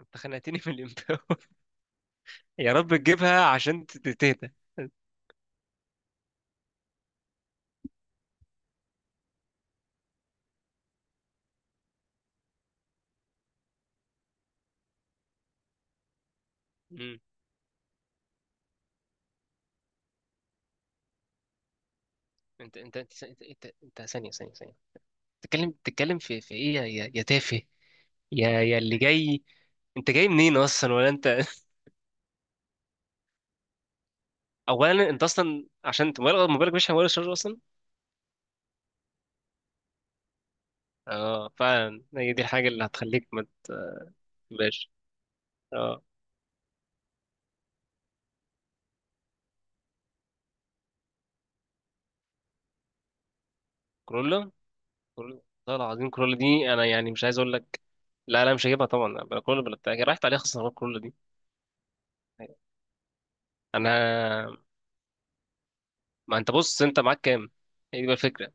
أنت خنقتني في الإمباو يا رب تجيبها عشان تهدى. مم. ثانية ثانية ثانية. بتتكلم في ايه يا تافه، يا اللي جاي. انت جاي منين اصلا ولا انت؟ اولا انت اصلا عشان انت موبايلك مش على موبايل الشارجر اصلا. اه فعلا، هي دي الحاجة اللي هتخليك ما تبقاش. اه كورولا كورولا، والله العظيم كورولا دي انا يعني مش عايز اقول لك. لا لا، مش هجيبها طبعا، بلا كورولا بلا بتاع، راحت عليها خسارات كورولا دي. انا ما انت بص، انت معاك كام؟ هي دي بقى الفكره.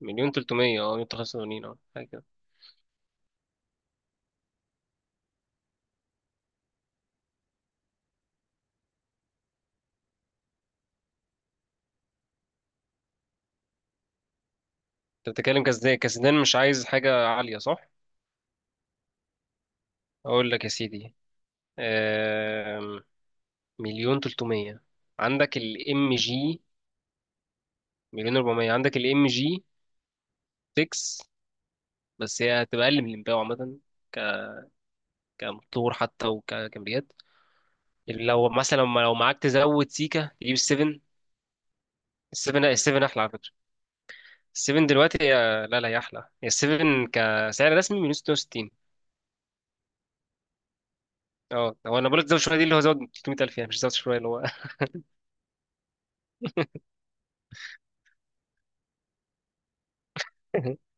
مليون تلتمية، مليون تلتمية وثمانين، اه حاجه كده. انت بتتكلم كسدان، كسدان مش عايز حاجه عاليه، صح؟ اقول لك يا سيدي، آم، مليون تلتمية عندك الام جي. مليون 400 عندك الام جي 6، بس هي هتبقى اقل من الامباو عامه، كموتور حتى وكامبيات. لو مثلا لو معاك تزود سيكا تجيب السفن. السفن احلى على فكره. السفن دلوقتي هي، لا لا، هي احلى، هي السفن كسعر رسمي من 66. اه هو انا بقول لك زود شويه، دي اللي هو زود 300,000، يعني مش زود شويه اللي هو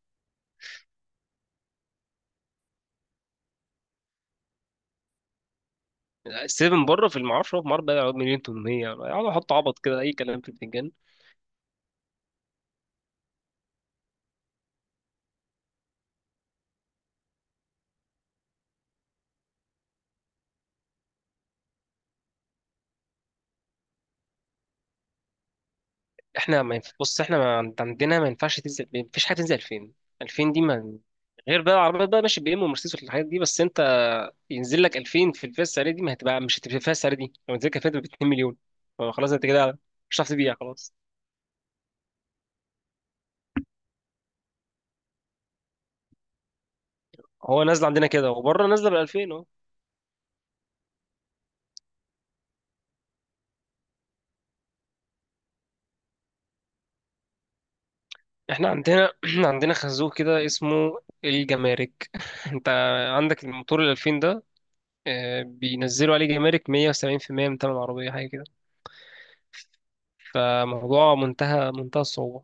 سيفن بره في المعرفش، هو في مربى يقعد مليون 800، يقعدوا يحطوا عبط كده اي كلام في الفنجان. احنا ما ينف... بص، احنا ما عند- عندنا ما ينفعش تنزل، ما فيش حاجه تنزل 2000. 2000 دي ما غير بقى العربيات بقى ماشي بي ام ومرسيدس والحاجات دي، بس انت ينزل لك 2000 في الفئه السعريه دي، ما هتبقى مش هتبقى فيها السعر دي، لو نزلت كانت ب 2 مليون. فخلاص انت كده مش هتعرف تبيع خلاص. هو نازل عندنا كده وبره نازله ب 2000 اهو. احنا عندنا عندنا خازوق كده اسمه الجمارك انت عندك الموتور ال 2000 ده، بينزلوا عليه جمارك 170% من تمن العربية حاجة كده. فموضوع منتهى منتهى الصعوبة.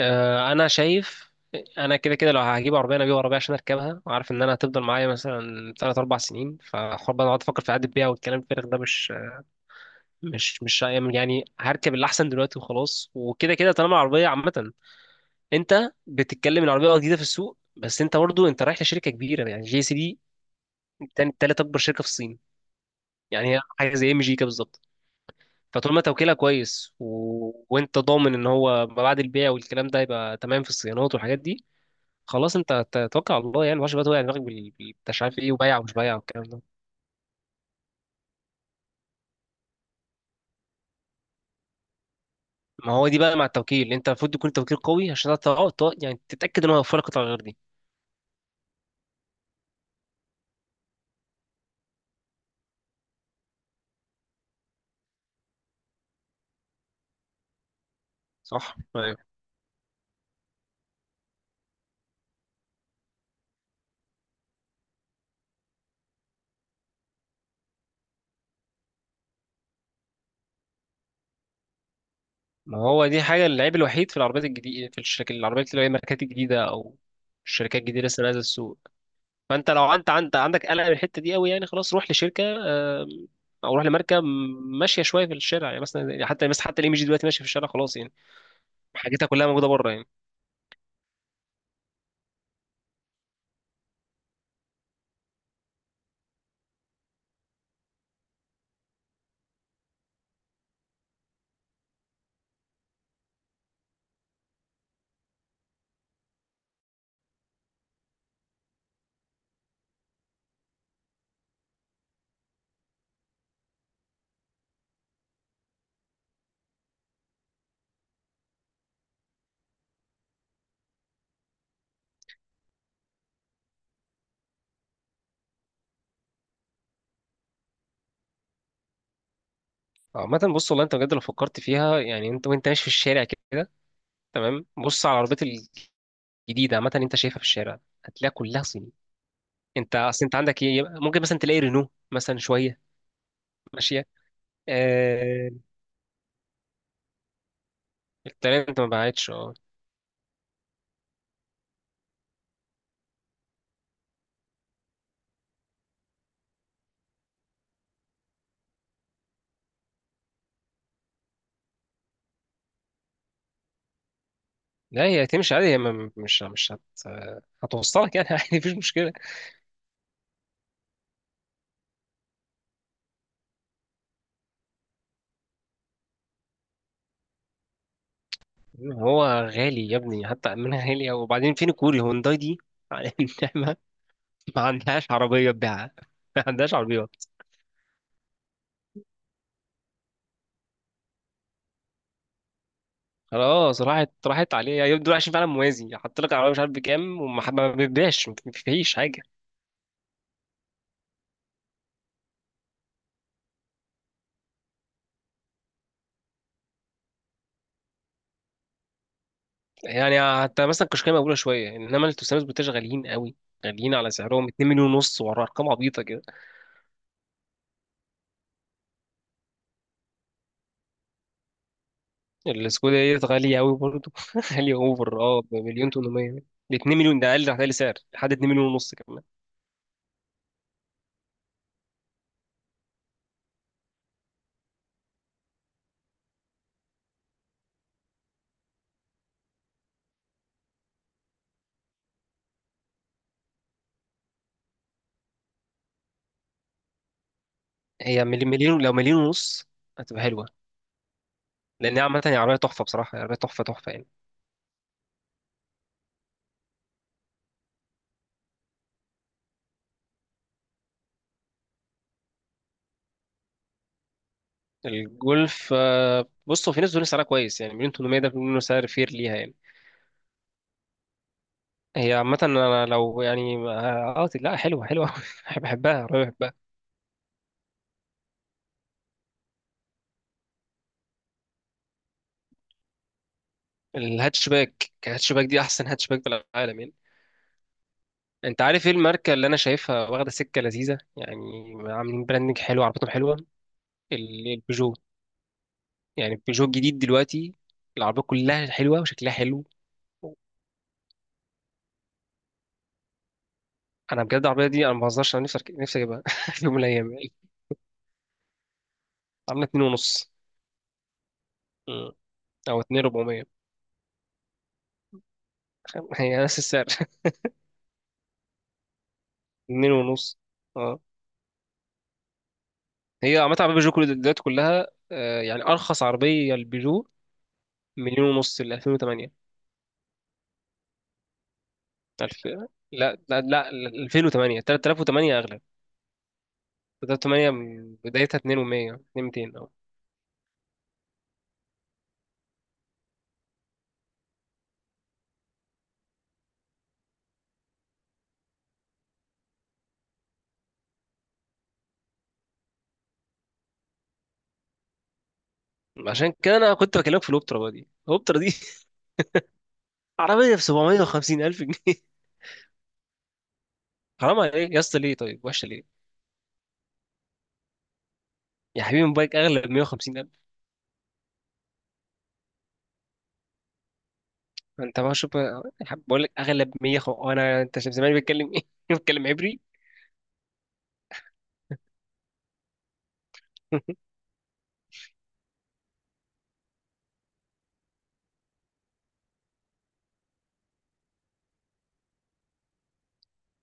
انا شايف. انا كده كده لو هجيب عربية، انا هجيب عربية عشان اركبها، وعارف ان انا هتفضل معايا مثلا 3 4 سنين، فحوار بقى اقعد افكر في عقد البيع والكلام الفارغ ده، مش يعني هركب اللي احسن دلوقتي وخلاص، وكده كده طالما العربية عامة. انت بتتكلم إن العربيه جديده في السوق، بس انت برضو انت رايح لشركه كبيره، يعني جي سي دي تاني تالت اكبر شركه في الصين. يعني هي حاجه زي ام جي كده بالظبط. فطول ما توكيلها كويس وانت ضامن ان هو ما بعد البيع والكلام ده يبقى تمام في الصيانات والحاجات دي، خلاص انت توكل على الله، يعني ما بقى توقع دماغك انت مش عارف ايه، وبايع ومش بايع والكلام ده. ما هو دي بقى مع التوكيل، انت المفروض يكون توكيل قوي عشان تعرف يعني تتاكد ان هو يوفر لك قطع غير دي. صح. ما هو دي حاجة العيب الوحيد في العربيات الجديدة في الشركات، العربيات اللي هي ماركات الجديدة، أو الشركات الجديدة لسه نازلة السوق. فأنت لو أنت عندك قلق من الحتة دي أوي، يعني خلاص روح لشركة، أو روح لماركة ماشية شوية في الشارع، يعني مثلا حتى حتى الإم جي دلوقتي ماشية في الشارع خلاص يعني. حاجتها كلها موجودة بره يعني. عامة بص والله، أنت بجد لو فكرت فيها يعني، أنت وأنت ماشي في الشارع كده، تمام بص على العربيات الجديدة عامة، أنت شايفها في الشارع هتلاقيها كلها صيني. أنت أصل أنت عندك إيه؟ ممكن مثلا تلاقي رينو مثلا شوية ماشية. آه، الترند ما بعتش، اه. لا هي هتمشي عادي، هي مش هتوصلك يعني عادي مفيش مشكلة. هو غالي يا ابني حتى، من غالي. وبعدين فين الكوري؟ هونداي دي على النعمة، ما عندهاش عربية تبيعها ما عندهاش عربيات، خلاص راحت راحت عليه يعني، دول عايشين فعلا موازي، حط لك عربية مش عارف بكام وما ما بيبيعش، ما فيش حاجة. يعني حتى مثلا كشكاية مقبولة شوية، انما التوسانوس بتاعش غاليين قوي، غاليين على سعرهم 2 مليون ونص ورا ارقام عبيطة. السكودا ديت غالية أوي برضه غالية أوفر، أه بمليون تمنمية، ب 2 مليون ده أقل، هتلاقي سعر لحد 2 مليون ونص كمان. هي مليون، مليون، لو مليون ونص هتبقى حلوة. لأن هي عامة هي عربية تحفة، بصراحة هي عربية تحفة تحفة يعني. الجولف، بصوا في ناس بتقول سعرها كويس، يعني مليون تمنمية ده بيقولوا إنه سعر فير ليها يعني. هي عامة أنا لو يعني أه آه، لا حلوة حلوة أوي. بحبها، عربية بحبها. الهاتش باك دي أحسن هاتش باك في العالم يعني. انت عارف ايه الماركه اللي انا شايفها واخده سكه لذيذه يعني، عاملين براندنج حلو عربيتهم حلوه؟ البيجو. يعني البيجو الجديد دلوقتي العربيه كلها حلوه وشكلها حلو. انا بجد العربيه دي، انا ما بهزرش انا، نفسي اجيبها في يوم من الايام يعني. عامله 2 ونص. مم. او 2400 هي نفس السعر 2 ونص، اه هي عامه عربيه بيجو كل دلوقتي كلها، يعني ارخص عربيه البيجو مليون ونص ل 2008 الف. لا لا لا، 2008 3008 اغلى. ده 8 بدايتها 2 و100 200، اه. عشان كده انا كنت بكلمك في الاوبترا بقى دي، الاوبترا دي عربيه ب 750 الف جنيه. حرام عليك يا اسطى، ليه طيب؟ وحشه ليه؟ يا حبيبي موبايلك اغلى ب 150 الف. انت ما شوف يا حبيبي، بقول لك اغلى ب 100. وانا انت شايف زمان بيتكلم ايه؟ بيتكلم عبري.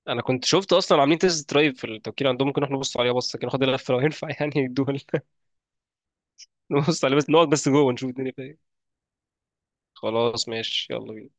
انا كنت شفت اصلا عاملين تيست درايف في التوكيل عندهم، ممكن احنا نبص عليها بصه كده، ناخد لفه لو ينفع يعني الدول. نبص عليها بس، نقعد بس جوه نشوف الدنيا فيها إيه. خلاص ماشي يلا بينا